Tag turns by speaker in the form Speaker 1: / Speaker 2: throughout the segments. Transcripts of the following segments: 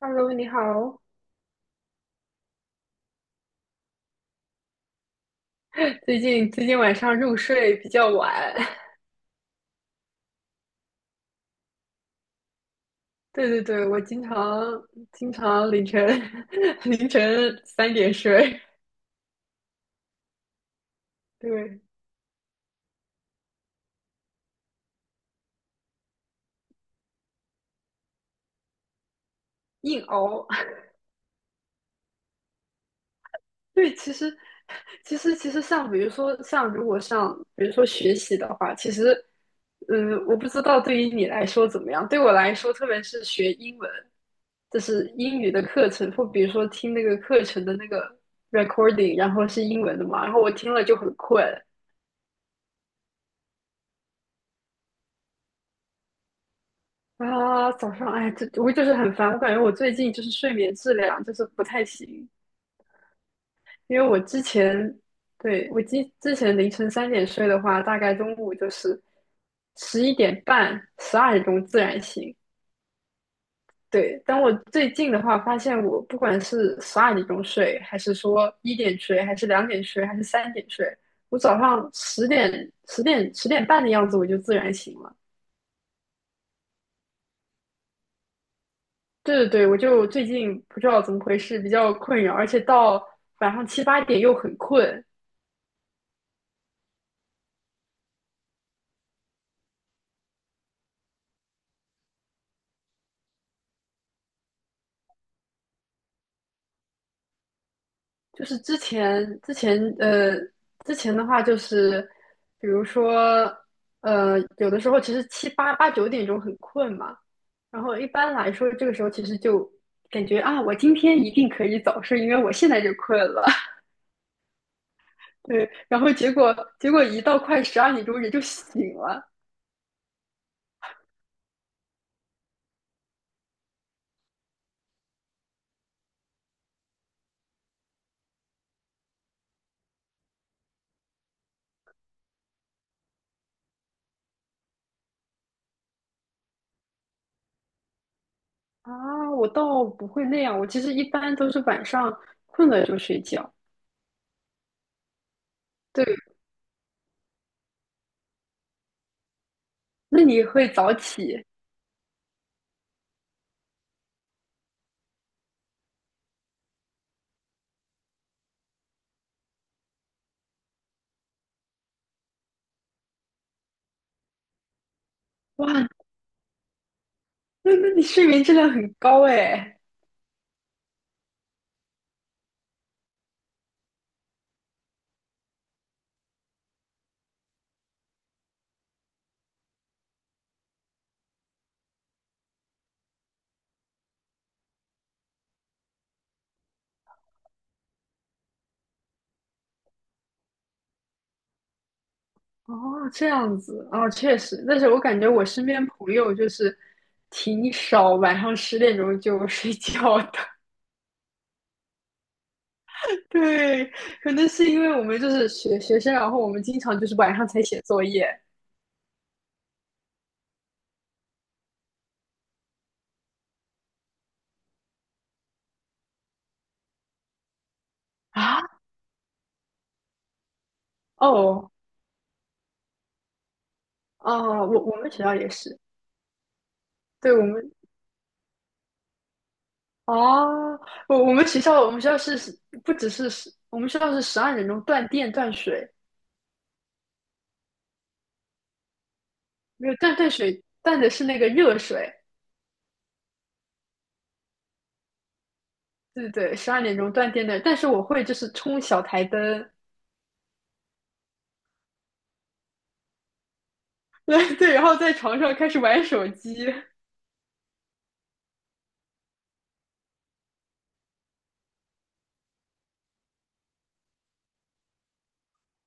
Speaker 1: Hello，你好。最近晚上入睡比较晚。对对对，我经常凌晨 凌晨3点睡。对，硬熬。对，其实像比如说像如果像比如说学习的话，其实我不知道对于你来说怎么样。对我来说，特别是学英文，就是英语的课程，或比如说听那个课程的那个 recording，然后是英文的嘛，然后我听了就很困。啊，早上，哎，这我就是很烦，我感觉我最近就是睡眠质量就是不太行。因为我之前，对，我之前凌晨三点睡的话，大概中午就是11点半、十二点钟自然醒。对，但我最近的话，发现我不管是十二点钟睡，还是说一点睡，还是2点睡，还是三点睡，我早上10点、10点、10点半的样子我就自然醒了。对对对，我就最近不知道怎么回事，比较困扰，而且到晚上7、8点又很困。就是之前之前呃之前的话，就是比如说有的时候其实7、8、8、9点很困嘛。然后一般来说这个时候其实就感觉啊，我今天一定可以早睡，因为我现在就困了。对，然后结果一到快十二点钟人就醒了。啊！我倒不会那样，我其实一般都是晚上困了就睡觉。对，那你会早起？哇，那你睡眠质量很高哎。哦，这样子哦，确实，但是我感觉我身边朋友就是挺少晚上十点钟就睡觉的。对，可能是因为我们就是学生，然后我们经常就是晚上才写作业啊。哦哦，我们学校也是，对我们，哦，我们学校是不只是十，我们学校是十二点钟断电断水。没有断水，断的是那个热水。对对对，十二点钟断电的。但是我会就是冲小台灯。对对，然后在床上开始玩手机。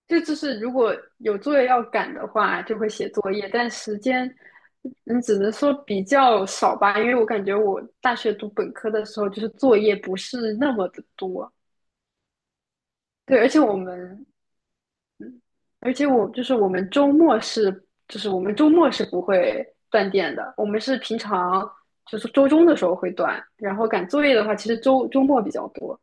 Speaker 1: 这就是如果有作业要赶的话，就会写作业，但时间你只能说比较少吧。因为我感觉我大学读本科的时候，就是作业不是那么的多。对，而且我们而且我就是我们周末是不会断电的，我们是平常就是周中的时候会断。然后赶作业的话，其实周末比较多。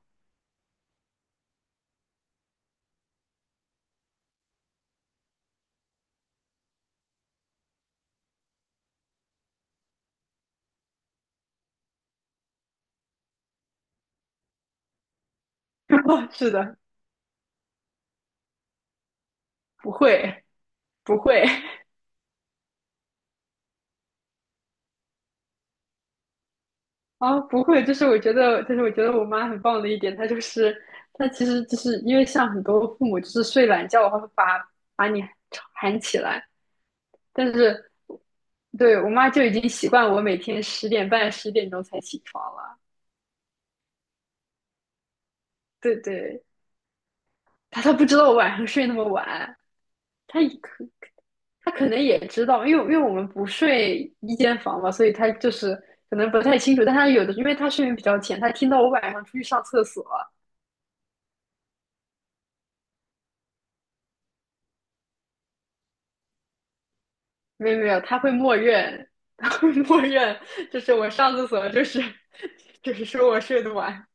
Speaker 1: 哦是的。不会，不会。 啊，不会。就是我觉得，我妈很棒的一点，她就是她就是因为像很多父母就是睡懒觉的话，会把你喊起来，但是对我妈就已经习惯我每天10点半、10点才起床了。对对，他不知道我晚上睡那么晚，他可他可能也知道，因为我们不睡一间房嘛，所以他就是可能不太清楚。但他有的，因为他睡眠比较浅，他听到我晚上出去上厕所。没有没有，他会默认。他会默认，就是我上厕所就是 就是说我睡得晚。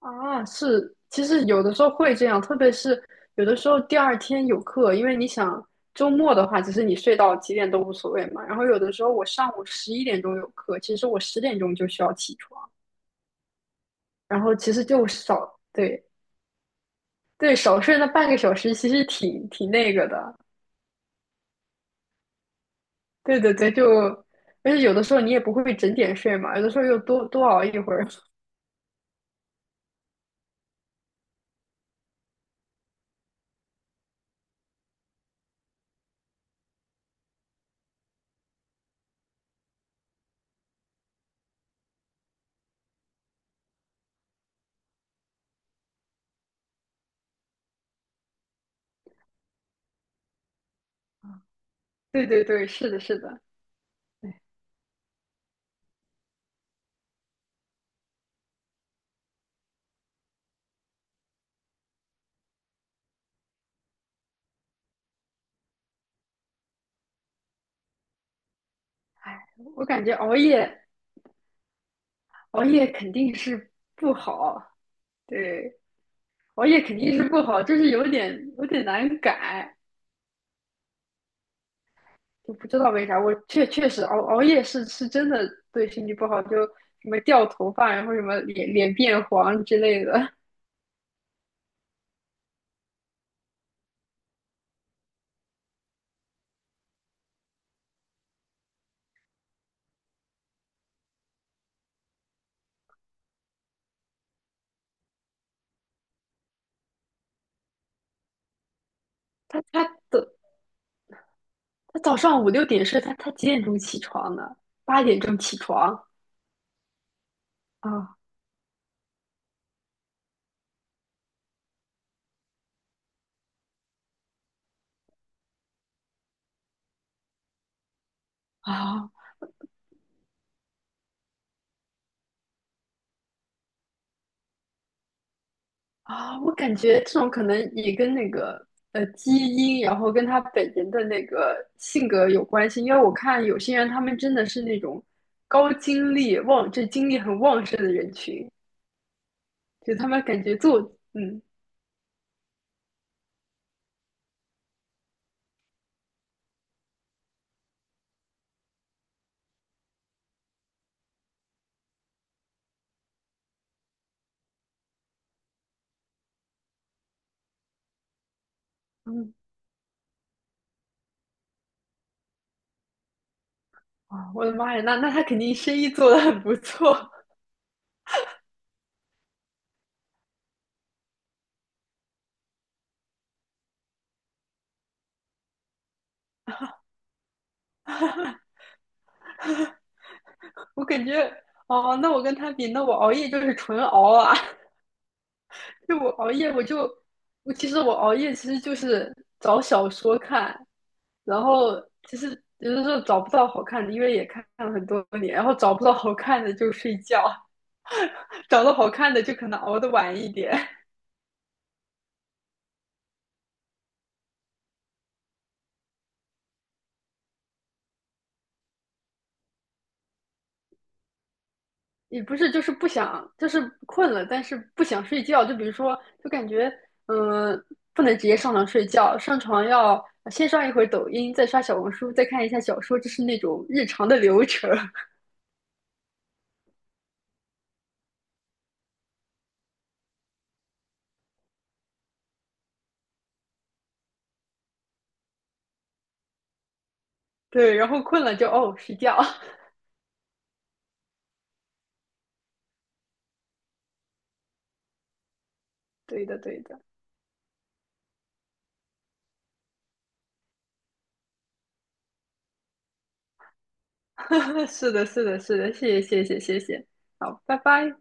Speaker 1: 啊，是，其实有的时候会这样，特别是有的时候第二天有课，因为你想周末的话，其实你睡到几点都无所谓嘛。然后有的时候我上午11点有课，其实我十点钟就需要起床，然后其实就少，对对，少睡那半个小时，其实挺那个的。对对对，而且有的时候你也不会整点睡嘛，有的时候又多多熬一会儿。对对对，是的，是的，哎我感觉熬夜肯定是不好，对。熬夜肯定是不好，就是有点难改，就不知道为啥。我确实熬夜是真的对身体不好，就什么掉头发，然后什么脸变黄之类的。他他的他早上5、6点睡，他几点钟起床呢？8点起床啊啊！啊，我感觉这种可能也跟那个基因，然后跟他本人的那个性格有关系。因为我看有些人，他们真的是那种高精力旺，这精力很旺盛的人群，就他们感觉做，嗯嗯，啊，我的妈呀，那他肯定生意做得很不错。我感觉，哦，那我跟他比，那我熬夜就是纯熬啊。就我熬夜，我就我熬夜其实就是找小说看。然后其实有的时候找不到好看的，因为也看了很多年，然后找不到好看的就睡觉。找到好看的就可能熬得晚一点。也不是就是不想，就是困了，但是不想睡觉，就比如说就感觉嗯、呃不能直接上床睡觉，上床要先刷一会儿抖音，再刷小红书，再看一下小说，就是那种日常的流程。对，然后困了就睡觉。对的，对的。是的，是的，是的，谢谢，谢谢，谢谢，好，拜拜。